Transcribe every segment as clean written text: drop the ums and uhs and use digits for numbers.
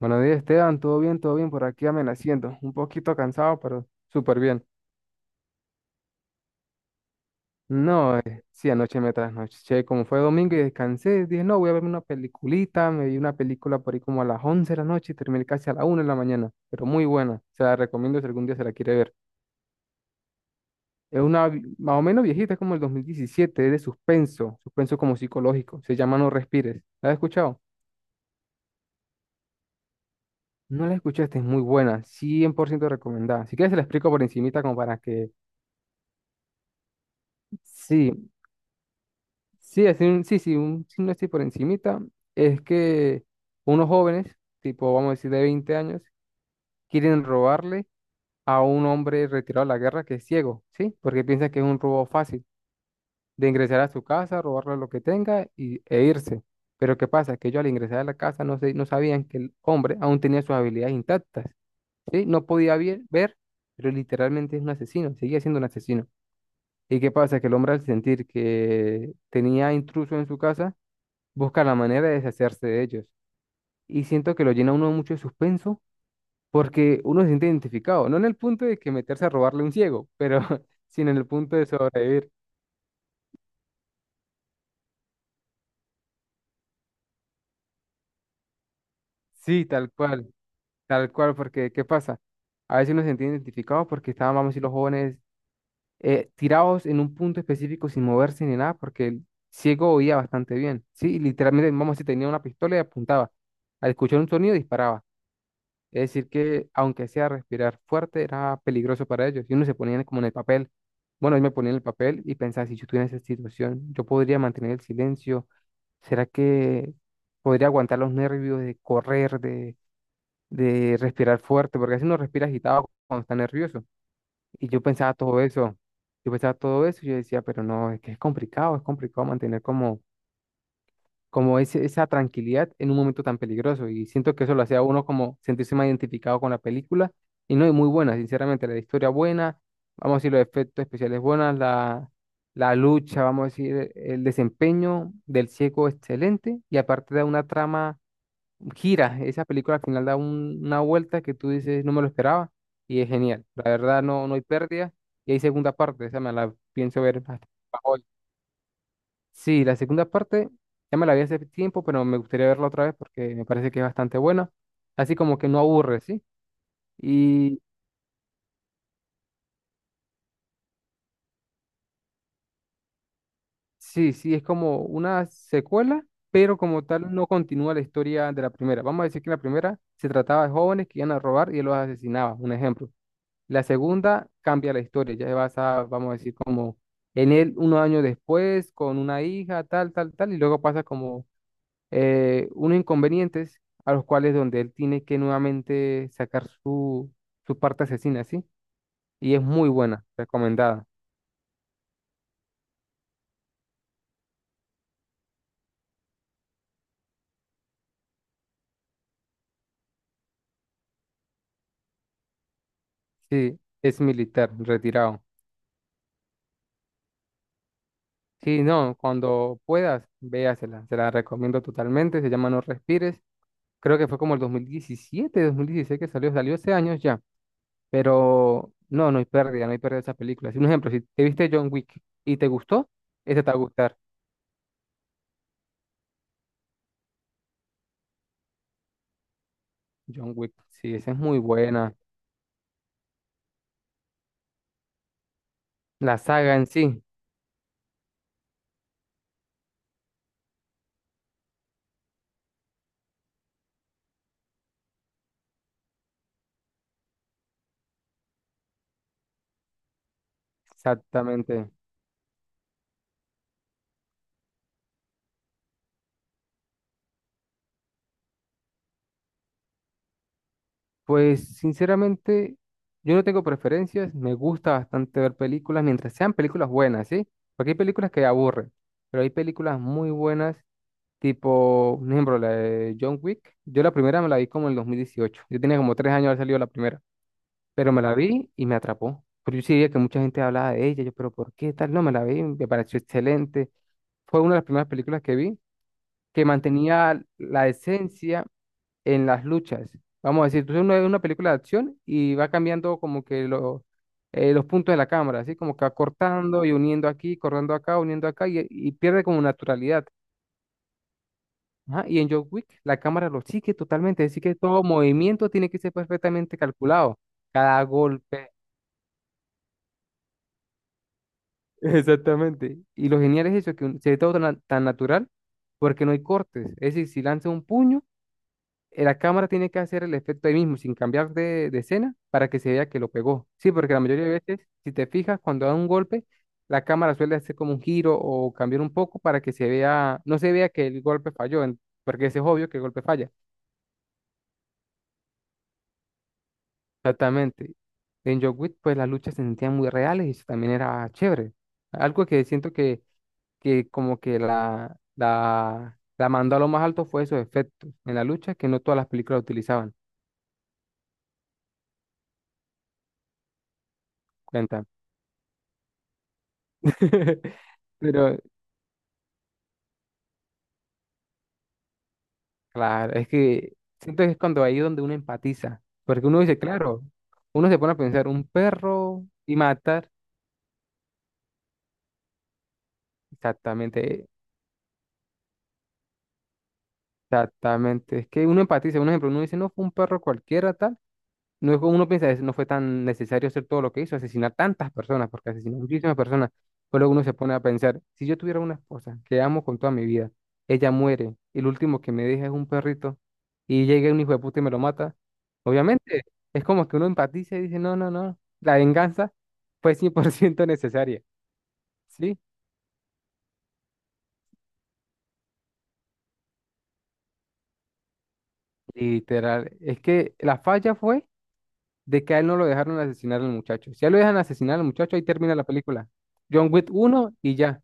Buenos días, Esteban. ¿Todo bien? ¿Todo bien? Por aquí amaneciendo. Un poquito cansado, pero súper bien. No, sí, anoche me trasnoché. Como fue domingo y descansé, dije, no, voy a verme una peliculita. Me vi una película por ahí como a las 11 de la noche y terminé casi a la 1 de la mañana. Pero muy buena. Se la recomiendo si algún día se la quiere ver. Es más o menos viejita, es como el 2017. Es de suspenso. Suspenso como psicológico. Se llama No Respires. ¿La has escuchado? No la escuchaste, es muy buena, cien por ciento recomendada. Si quieres, se la explico por encimita como para que. Sí, sí, así sí, sí, un signo así por encimita. Es que unos jóvenes, tipo vamos a decir de 20 años, quieren robarle a un hombre retirado de la guerra que es ciego, ¿sí? Porque piensa que es un robo fácil, de ingresar a su casa, robarle lo que tenga e irse. Pero ¿qué pasa? Que ellos al ingresar a la casa no sabían que el hombre aún tenía sus habilidades intactas, ¿sí? No podía ver, pero literalmente es un asesino, seguía siendo un asesino. ¿Y qué pasa? Que el hombre al sentir que tenía intruso en su casa, busca la manera de deshacerse de ellos. Y siento que lo llena uno mucho de suspenso porque uno se siente identificado, no en el punto de que meterse a robarle a un ciego, pero sino en el punto de sobrevivir. Sí, tal cual, porque ¿qué pasa? A veces uno se siente identificado porque estaban, vamos a decir, los jóvenes tirados en un punto específico sin moverse ni nada, porque el ciego oía bastante bien, ¿sí? Y literalmente, vamos a decir, tenía una pistola y apuntaba. Al escuchar un sonido disparaba. Es decir, que aunque sea respirar fuerte, era peligroso para ellos. Y uno se ponía como en el papel. Bueno, yo me ponía en el papel y pensaba, si yo estuviera en esa situación, yo podría mantener el silencio. ¿Será que podría aguantar los nervios de correr, de respirar fuerte? Porque así uno respira agitado cuando está nervioso. Y yo pensaba todo eso. Yo pensaba todo eso y yo decía, pero no, es que es complicado mantener como esa tranquilidad en un momento tan peligroso. Y siento que eso lo hacía a uno como sentirse más identificado con la película. Y no es muy buena, sinceramente, la historia buena, vamos a decir los efectos especiales buenos, la lucha, vamos a decir el desempeño del ciego excelente. Y aparte da una trama, gira, esa película al final da una vuelta que tú dices, no me lo esperaba. Y es genial. La verdad, no, no hay pérdida. Y hay segunda parte, esa me la pienso ver hasta. Sí, la segunda parte ya me la vi hace tiempo, pero me gustaría verla otra vez porque me parece que es bastante buena. Así como que no aburre, ¿sí? Y sí, sí, es como una secuela, pero como tal no continúa la historia de la primera. Vamos a decir que la primera se trataba de jóvenes que iban a robar y él los asesinaba, un ejemplo. La segunda cambia la historia, ya se basa, vamos a decir, como en él unos años después, con una hija, tal, tal, tal, y luego pasa como unos inconvenientes a los cuales donde él tiene que nuevamente sacar su parte asesina, ¿sí? Y es muy buena, recomendada. Sí, es militar, retirado. Sí, no, cuando puedas, véasela, se la recomiendo totalmente, se llama No Respires, creo que fue como el 2017 2016 que salió, salió hace años ya, pero no, no hay pérdida, no hay pérdida de esa película. Si un ejemplo, si te viste John Wick y te gustó, esa te va a gustar. John Wick, sí, esa es muy buena, la saga en sí. Exactamente. Pues sinceramente, yo no tengo preferencias, me gusta bastante ver películas mientras sean películas buenas, ¿sí? Porque hay películas que aburren, pero hay películas muy buenas, tipo, por ejemplo, la de John Wick. Yo la primera me la vi como en el 2018, yo tenía como 3 años de haber salido la primera, pero me la vi y me atrapó. Pero yo sí veía que mucha gente hablaba de ella, yo, pero ¿por qué tal? No, me la vi, me pareció excelente. Fue una de las primeras películas que vi que mantenía la esencia en las luchas. Vamos a decir, tú ves una película de acción y va cambiando como que los puntos de la cámara, así como que va cortando y uniendo aquí, cortando acá, uniendo acá y pierde como naturalidad. Ajá. Y en John Wick la cámara lo sigue totalmente, así que todo movimiento tiene que ser perfectamente calculado, cada golpe. Exactamente. Y lo genial es eso, que se ve todo tan, tan natural porque no hay cortes. Es decir, si lanza un puño, la cámara tiene que hacer el efecto ahí mismo, sin cambiar de escena, para que se vea que lo pegó. Sí, porque la mayoría de veces, si te fijas, cuando da un golpe, la cámara suele hacer como un giro o cambiar un poco para que se vea, no se vea que el golpe falló, porque ese es obvio que el golpe falla. Exactamente. En John Wick, pues las luchas se sentían muy reales y eso también era chévere. Algo que siento que como que la mandó a lo más alto fue esos efectos en la lucha que no todas las películas utilizaban. Cuenta. Pero, claro, es que siento que es cuando ahí donde uno empatiza, porque uno dice, claro, uno se pone a pensar, un perro y matar, exactamente, exactamente, es que uno empatiza, un ejemplo, uno dice, no, fue un perro cualquiera, tal. No es como uno piensa, no fue tan necesario hacer todo lo que hizo, asesinar tantas personas, porque asesinó muchísimas personas. Pero luego uno se pone a pensar, si yo tuviera una esposa que amo con toda mi vida, ella muere, y el último que me deja es un perrito, y llega un hijo de puta y me lo mata, obviamente es como que uno empatiza y dice, no, no, no, la venganza fue 100% necesaria, ¿sí? Literal, es que la falla fue de que a él no lo dejaron asesinar al muchacho. Si a él lo dejan asesinar al muchacho, ahí termina la película. John Wick uno y ya.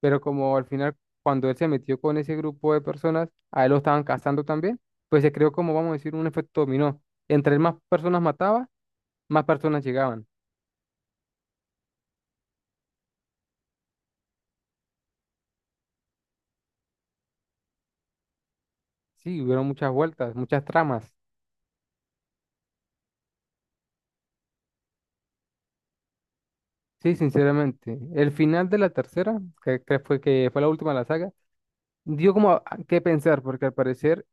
Pero como al final, cuando él se metió con ese grupo de personas, a él lo estaban cazando también, pues se creó como, vamos a decir, un efecto dominó. Entre más personas mataba, más personas llegaban. Sí, hubieron muchas vueltas, muchas tramas. Sí, sinceramente. El final de la tercera, que fue la última de la saga, dio como a qué pensar, porque al parecer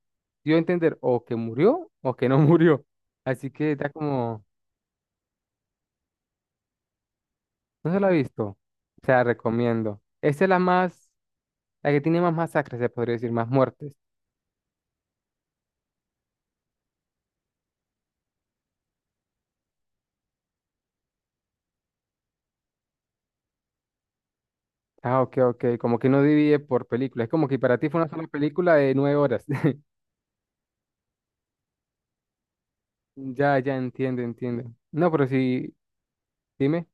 dio a entender o que murió o que no murió. Así que está como, no se la ha visto. Se la recomiendo. Esa es la más, la que tiene más masacres, se podría decir, más muertes. Ah, ok, ok, como que no divide por películas. Es como que para ti fue una sola película de 9 horas. Ya, ya entiendo, entiendo. No, pero sí, dime,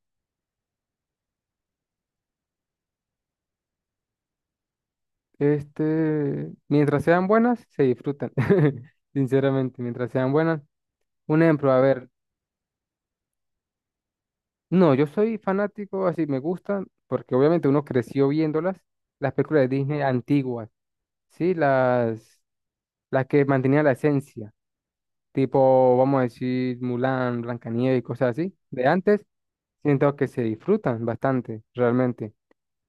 mientras sean buenas, se disfrutan. Sinceramente, mientras sean buenas. Un ejemplo, a ver. No, yo soy fanático, así me gustan, porque obviamente uno creció viéndolas, las películas de Disney antiguas, ¿sí? Las que mantenían la esencia, tipo, vamos a decir, Mulan, Blancanieves y cosas así, de antes, siento que se disfrutan bastante, realmente.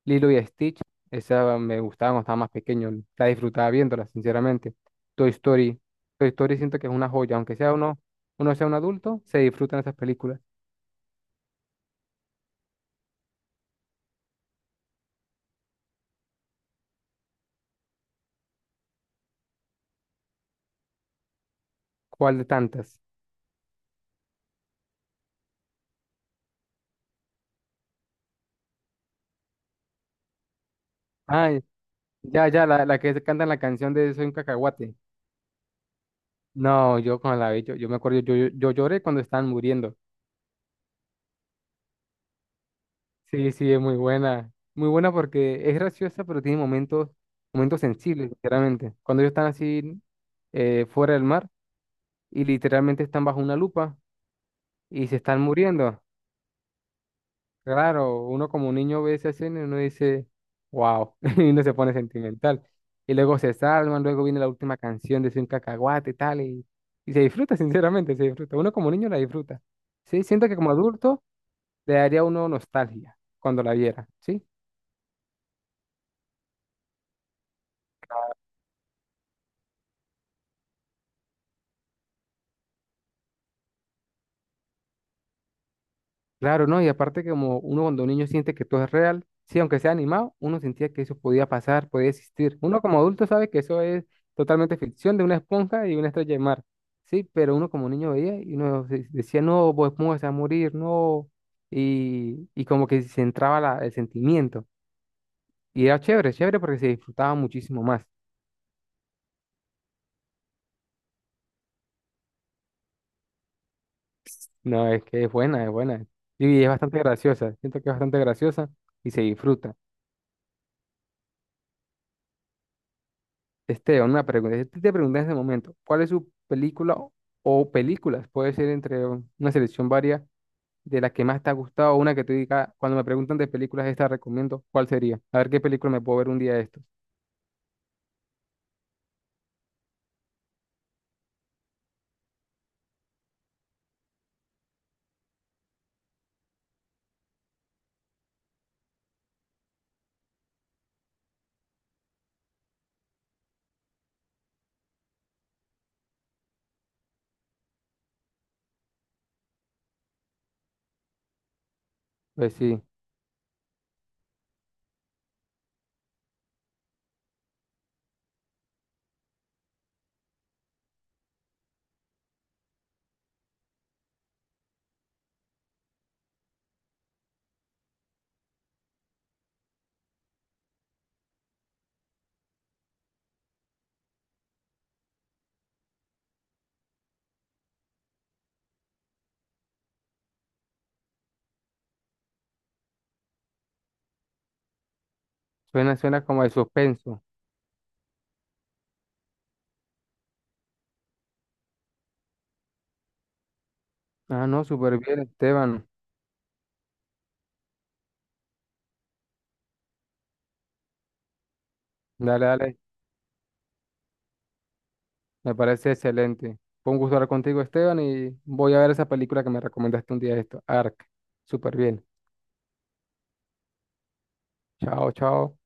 Lilo y Stitch, esa me gustaba cuando estaba más pequeño, la disfrutaba viéndola, sinceramente. Toy Story, Toy Story siento que es una joya, aunque sea uno sea un adulto, se disfrutan esas películas. ¿Cuál de tantas? Ah, ya, ya, la que canta la canción de Soy un cacahuate. No, yo cuando la vi, yo me acuerdo, yo lloré cuando estaban muriendo. Sí, sí, es muy buena. Muy buena porque es graciosa, pero tiene momentos sensibles, sinceramente. Cuando ellos están así fuera del mar y literalmente están bajo una lupa y se están muriendo. Claro, uno como un niño ve esa escena y uno dice, wow, y uno se pone sentimental. Y luego se salvan, luego viene la última canción de Soy un cacahuate y tal, y se disfruta, sinceramente, se disfruta. Uno como niño la disfruta. Sí, siento que como adulto le daría a uno nostalgia cuando la viera, ¿sí? Claro, ¿no? Y aparte que como uno cuando niño siente que todo es real, sí, aunque sea animado, uno sentía que eso podía pasar, podía existir. Uno como adulto sabe que eso es totalmente ficción de una esponja y una estrella de mar, sí, pero uno como niño veía y uno decía, no, Bob Esponja se va a morir, no, y como que se entraba el sentimiento. Y era chévere, chévere porque se disfrutaba muchísimo más. No, es que es buena, es buena. Y es bastante graciosa, siento que es bastante graciosa y se disfruta. Esteban, una pregunta. Si te pregunté en ese momento, ¿cuál es su película o películas? Puede ser entre una selección varia de las que más te ha gustado o una que te diga, cuando me preguntan de películas, esta recomiendo, ¿cuál sería? A ver qué película me puedo ver un día de estos. Pues sí, suena, suena como de suspenso. Ah, no, súper bien, Esteban. Dale, dale, me parece excelente. Fue un gusto hablar contigo, Esteban, y voy a ver esa película que me recomendaste un día de estos, Ark. Súper bien. Chao, chao.